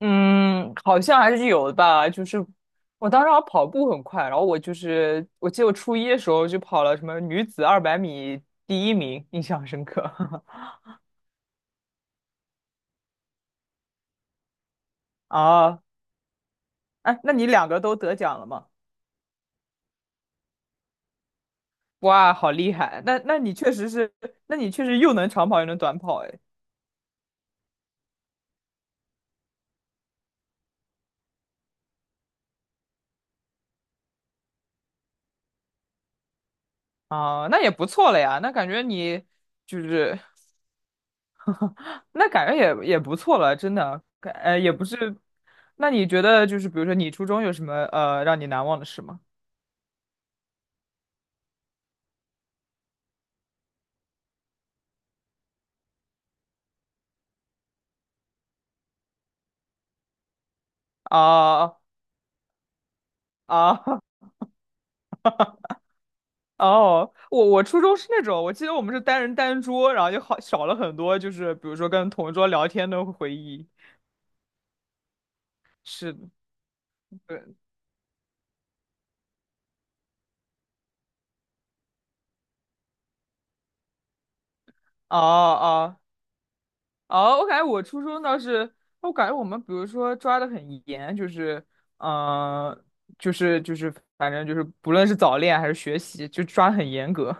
嗯，好像还是有的吧。就是我当时好像跑步很快，然后我就是我记得我初一的时候就跑了什么女子200米第一名，印象深刻。啊，哎，那你两个都得奖了吗？哇，好厉害！那你确实是，那你确实又能长跑又能短跑，哎，啊，那也不错了呀。那感觉你就是，那感觉也不错了，真的。也不是。那你觉得就是，比如说你初中有什么让你难忘的事吗？啊、啊哦，我初中是那种，我记得我们是单人单桌，然后就好少了很多，就是比如说跟同桌聊天的回忆。是的，对，哦哦哦，我感觉我初中倒是，我感觉我们比如说抓的很严，就是嗯、呃就是就是反正就是不论是早恋还是学习，就抓得很严格。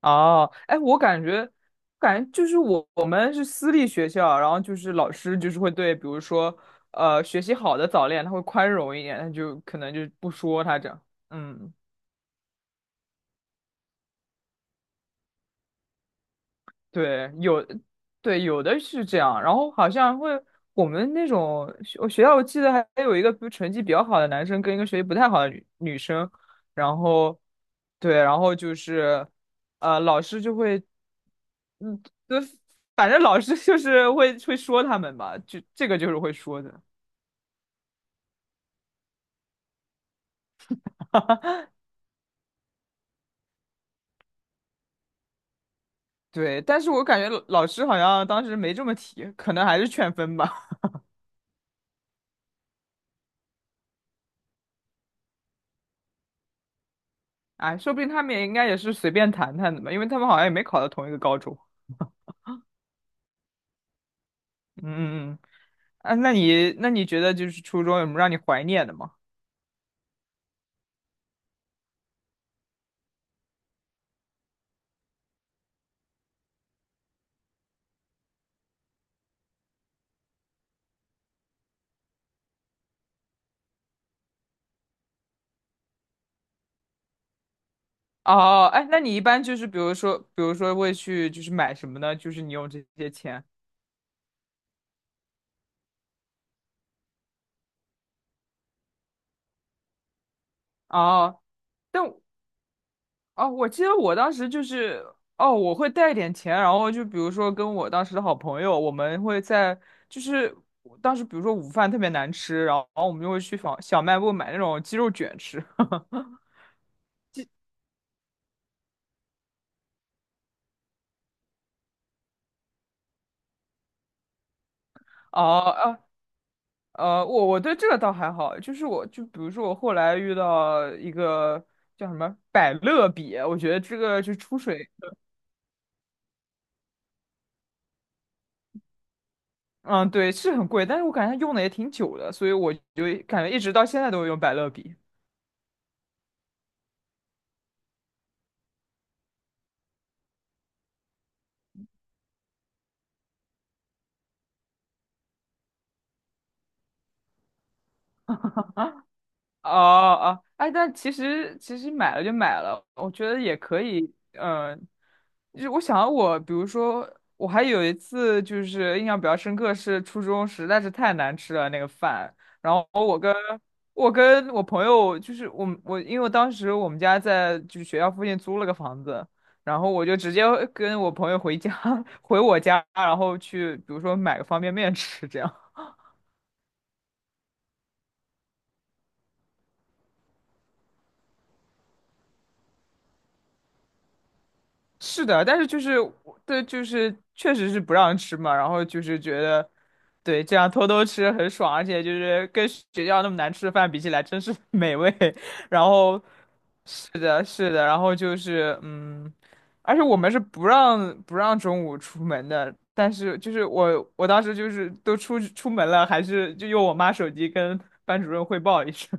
哦，哎，我感觉，感觉就是我们是私立学校，然后就是老师就是会对，比如说，学习好的早恋，他会宽容一点，他就可能就不说他这样。嗯对，有，对，有的是这样，然后好像会我们那种我学校，我记得还有一个比如成绩比较好的男生跟一个学习不太好的女生，然后对，然后就是老师就会嗯，对，反正老师就是会说他们吧，就这个就是会说的，对，但是我感觉老师好像当时没这么提，可能还是劝分吧，哎，说不定他们也应该也是随便谈谈的吧，因为他们好像也没考到同一个高中，嗯嗯嗯。啊，那你觉得就是初中有什么让你怀念的吗？哦，哎，那你一般就是比如说会去就是买什么呢？就是你用这些钱。哦，但哦，我记得我当时就是哦，我会带一点钱，然后就比如说跟我当时的好朋友，我们会在就是我当时比如说午饭特别难吃，然后我们就会去小卖部买那种鸡肉卷吃。哦，哦我对这个倒还好，就是我就比如说我后来遇到一个叫什么百乐笔，我觉得这个就出水，嗯，对，是很贵，但是我感觉它用的也挺久的，所以我就感觉一直到现在都用百乐笔。哦哦，哎，但其实买了就买了，我觉得也可以，就是我想我，比如说我还有一次就是印象比较深刻，是初中实在是太难吃了那个饭，然后我朋友就是我们我因为我当时我们家在就是学校附近租了个房子，然后我就直接跟我朋友回家 回我家，然后去比如说买个方便面吃这样。是的，但是就是对，就是确实是不让吃嘛，然后就是觉得，对，这样偷偷吃很爽，而且就是跟学校那么难吃的饭比起来，真是 美味。然后，是的，是的，然后就是而且我们是不让中午出门的，但是就是我当时就是都出去出门了，还是就用我妈手机跟班主任汇报一声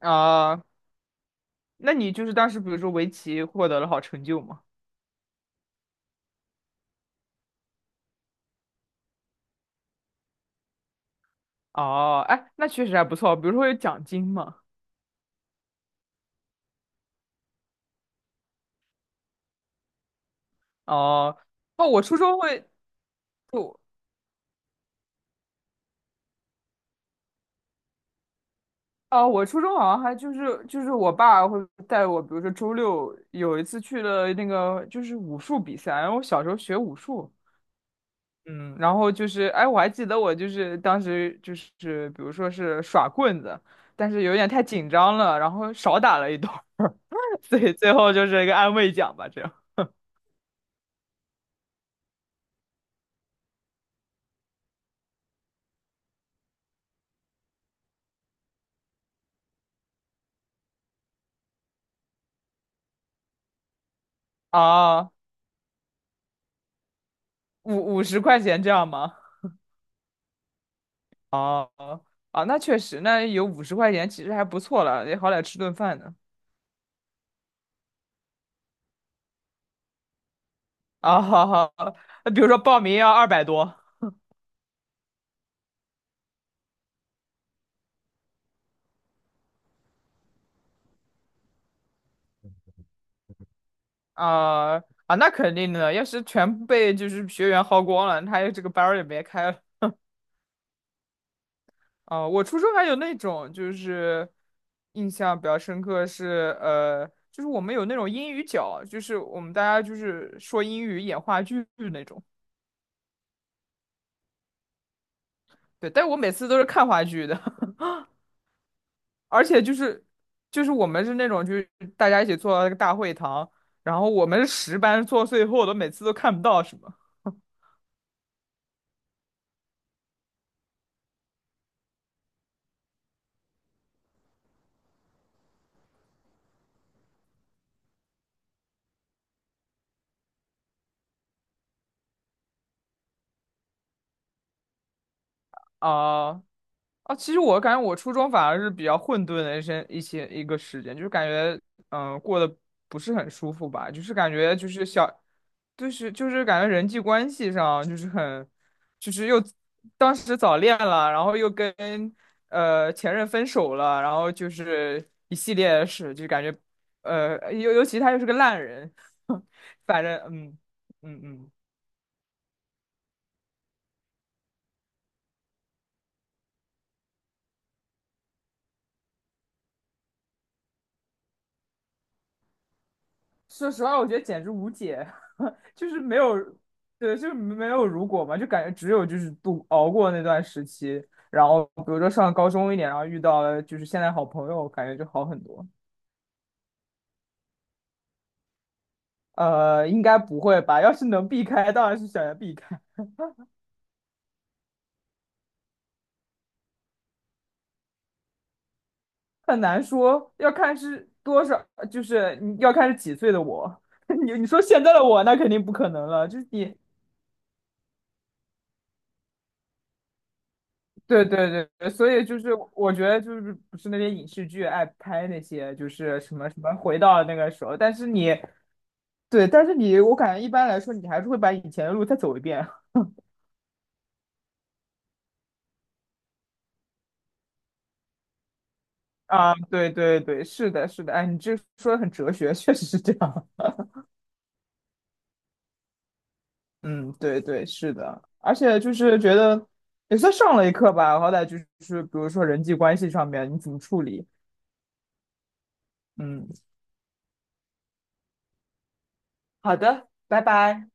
啊。那你就是当时比如说围棋获得了好成就吗？哦，哎，那确实还不错，比如说有奖金嘛。哦，哦，我哦，我初中好像还就是我爸会带我，比如说周六有一次去了那个就是武术比赛，然后我小时候学武术，嗯，然后就是哎，我还记得我就是当时就是比如说是耍棍子，但是有点太紧张了，然后少打了一段儿，所以最后就是一个安慰奖吧，这样啊，五十块钱这样吗？哦啊，哦那确实，那有五十块钱其实还不错了，也好歹吃顿饭呢。啊，好好，那比如说报名要200多啊啊，那肯定的，要是全部被就是学员薅光了，他这个班儿也别开了。啊，我初中还有那种就是印象比较深刻是就是我们有那种英语角，就是我们大家就是说英语演话剧那种。对，但我每次都是看话剧的。而且就是我们是那种就是大家一起坐到那个大会堂，然后我们是10班坐最后的，每次都看不到什么啊、啊，其实我感觉我初中反而是比较混沌的一个时间，就是感觉过得不是很舒服吧，就是感觉就是小，就是感觉人际关系上就是很，就是又当时早恋了，然后又跟前任分手了，然后就是一系列的事，就感觉尤其他又是个烂人，反正嗯嗯嗯。说实话，我觉得简直无解，就是没有，对，就是没有如果嘛，就感觉只有就是熬过那段时期，然后比如说上高中一点，然后遇到了就是现在好朋友，感觉就好很多。应该不会吧？要是能避开，当然是想要避开，很难说，要看是多少，就是你要看是几岁的我。你说现在的我，那肯定不可能了，就是你对对对，对所以就是我觉得就是不是那些影视剧爱拍那些就是什么什么回到那个时候，但是你对，但是你我感觉一般来说你还是会把以前的路再走一遍啊，对对对，是的是的，哎，你这说的很哲学，确实是这样，嗯，对对是的，而且就是觉得也算上了一课吧，好歹就是比如说人际关系上面你怎么处理，嗯，好的，拜拜。